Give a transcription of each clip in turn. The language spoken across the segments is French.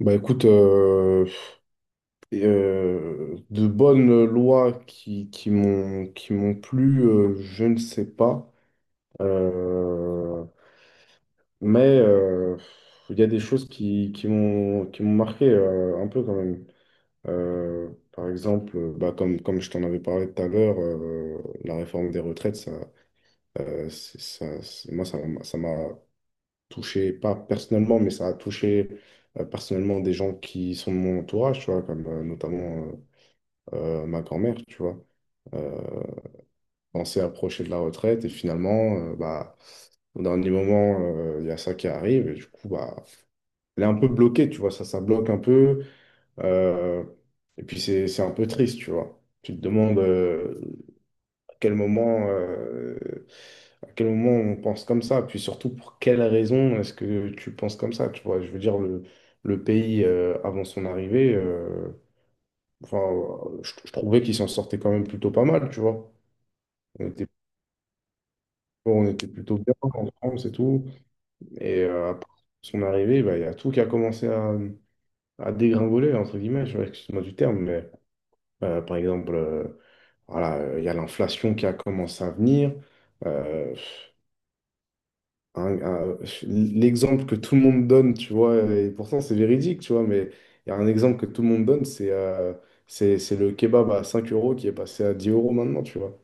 Bah écoute, de bonnes lois qui m'ont plu, je ne sais pas. Euh, mais euh, il y a des choses qui m'ont marqué un peu quand même. Par exemple, bah, comme je t'en avais parlé tout à l'heure, la réforme des retraites, ça, c'est- ça, c'est- moi, ça m'a touché, pas personnellement, mais ça a touché personnellement des gens qui sont de mon entourage, tu vois, comme notamment. Ma grand-mère, tu vois. Euh, pensait approcher de la retraite et finalement, bah, au dernier moment, il y a ça qui arrive et du coup, bah, elle est un peu bloquée, tu vois, ça bloque un peu. euh, et puis c'est un peu triste, tu vois. Tu te demandes à quel moment, euh, à quel moment on pense comme ça, puis surtout pour quelle raison est-ce que tu penses comme ça, tu vois. Je veux dire, le pays avant son arrivée, enfin, je trouvais qu'il s'en sortait quand même plutôt pas mal, tu vois. On était, on était plutôt bien en France et tout. Et après son arrivée, bah, il y a tout qui a commencé à dégringoler, entre guillemets, excuse-moi du terme, mais par exemple, voilà, il y a l'inflation qui a commencé à venir. Euh, un- un- L'exemple que tout le monde donne, tu vois, et pourtant c'est véridique, tu vois, mais il y a un exemple que tout le monde donne, c'est le kebab à 5 € qui est passé à 10 € maintenant, tu vois.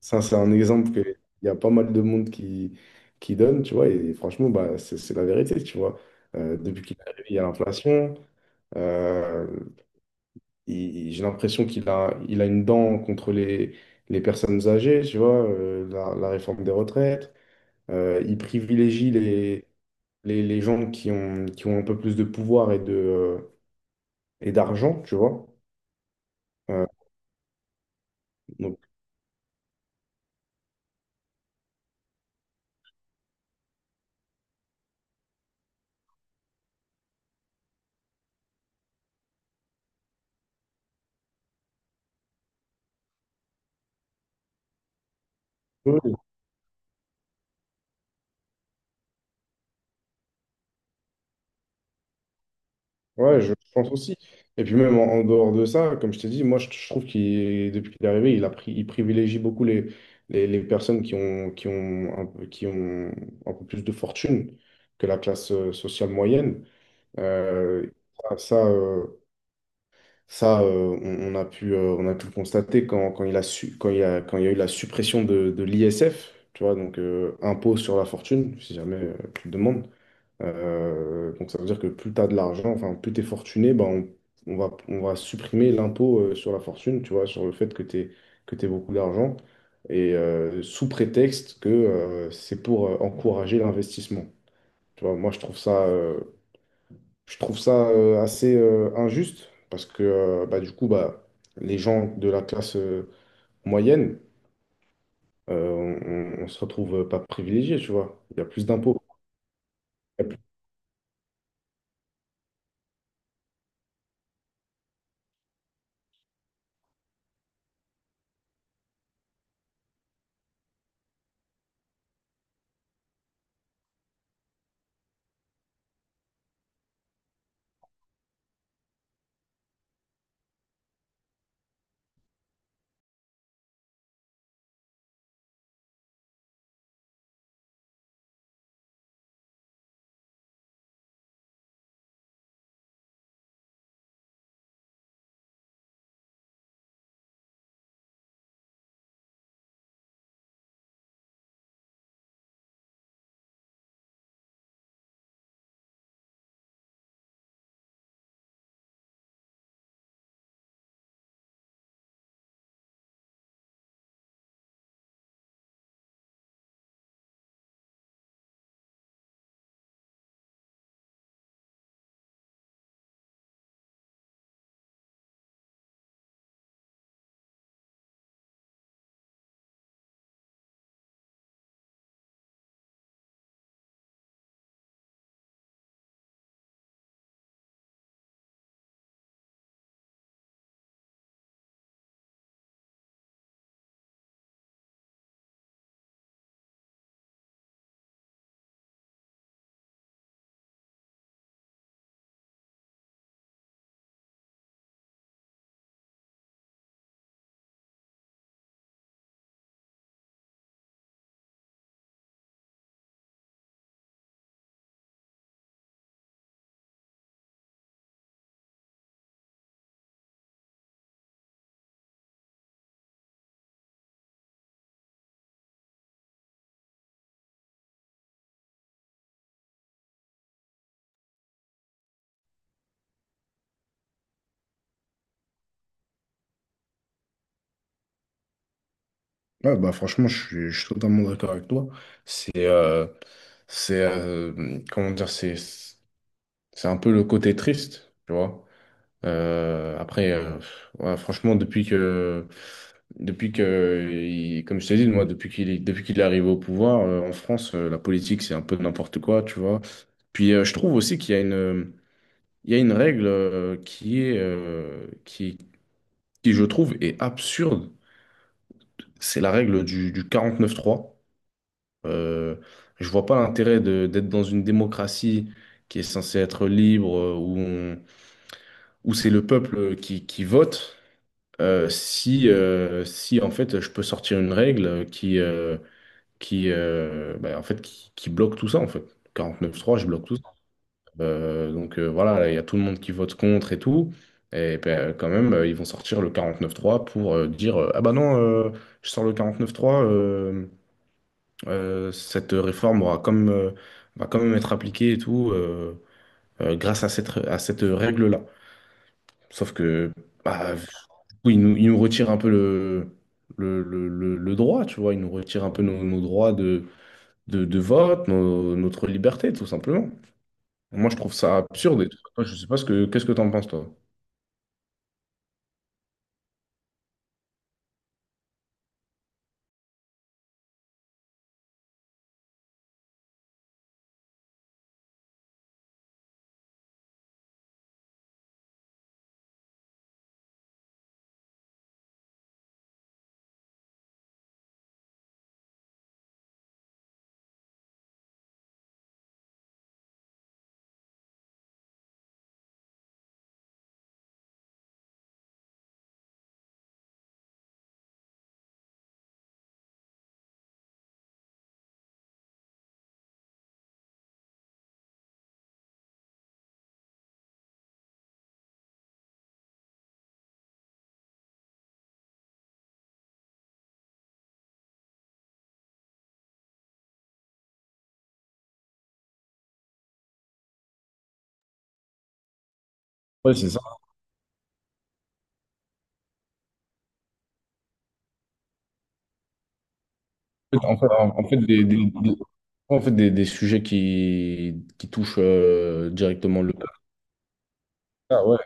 Ça, c'est un exemple que il y a pas mal de monde qui donne, tu vois, et franchement, bah, c'est la vérité, tu vois. Depuis qu'il est arrivé, il y a l'inflation. Euh, j'ai l'impression il a une dent contre les personnes âgées, tu vois, la réforme des retraites. Il privilégie les gens qui ont un peu plus de pouvoir et et d'argent, tu vois. Euh, donc, eux, Ouais, je pense aussi. Et puis même en dehors de ça, comme je t'ai dit, moi je trouve qu'il, depuis qu'il est arrivé, il privilégie beaucoup les personnes qui ont un peu plus de fortune que la classe sociale moyenne. Euh, ça, ça, euh, on, on a pu le constater quand il a su, quand il y a, quand il y a eu la suppression de l'ISF, tu vois, donc impôt sur la fortune, si jamais tu le demandes. Donc ça veut dire que plus tu as de l'argent, enfin plus tu es fortuné, ben on va supprimer l'impôt sur la fortune, tu vois, sur le fait que tu aies, que t'aies beaucoup d'argent, et sous prétexte que c'est pour encourager l'investissement. Tu vois, moi je trouve je trouve ça assez injuste, parce que bah, du coup, bah, les gens de la classe moyenne, on se retrouve pas privilégiés, tu vois. Il y a plus d'impôts. Ouais, bah franchement, je suis totalement d'accord avec toi. C'est, euh, Comment dire, c'est un peu le côté triste, tu vois. Après, ouais, franchement, comme je t'ai dit, moi, depuis qu'il est arrivé au pouvoir, en France, la politique, c'est un peu n'importe quoi, tu vois. Puis, je trouve aussi qu'il y a il y a une règle, qui, je trouve, est absurde. C'est la règle du neuf trois. Euh, je vois pas l'intérêt d'être dans une démocratie qui est censée être libre, où c'est le peuple qui vote, si, si en fait je peux sortir une règle bah, en fait, qui bloque tout ça en fait. 49.3, je bloque tout ça. Donc voilà, il y a tout le monde qui vote contre et tout. Et ben, quand même, ils vont sortir le 49.3 pour dire ah bah non, je sors le 49.3. Cette réforme aura comme, va quand même être appliquée et tout grâce à à cette règle-là. Sauf que, bah, du coup, il nous retire un peu le droit, tu vois. Il nous retire un peu nos droits de vote, notre liberté, tout simplement. Moi, je trouve ça absurde. Et tout. Toi, je sais pas qu'est-ce que t'en penses, toi? Ouais, c'est ça. En fait, des- en fait, Des sujets qui touchent directement le peuple. Ah ouais,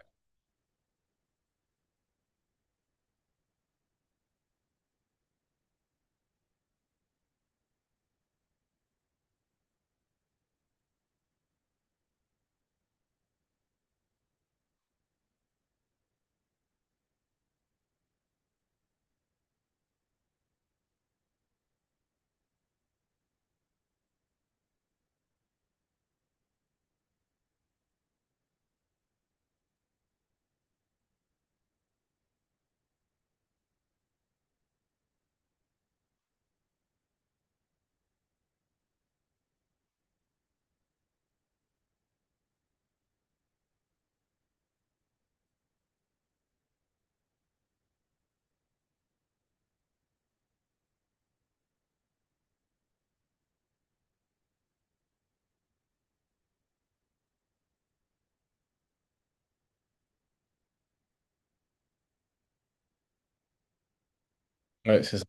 ouais, c'est ça.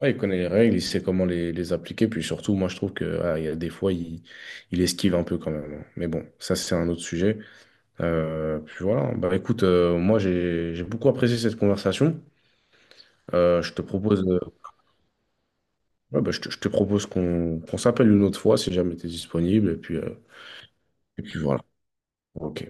Ouais, il connaît les règles, il sait comment les appliquer, puis surtout, moi je trouve que ah, il y a des fois, il esquive un peu quand même. Hein. Mais bon, ça c'est un autre sujet. Puis voilà, bah écoute, moi j'ai beaucoup apprécié cette conversation. Euh, je te propose, euh, ouais, bah, je te propose qu'on s'appelle une autre fois si jamais tu es disponible, et puis voilà. Ok.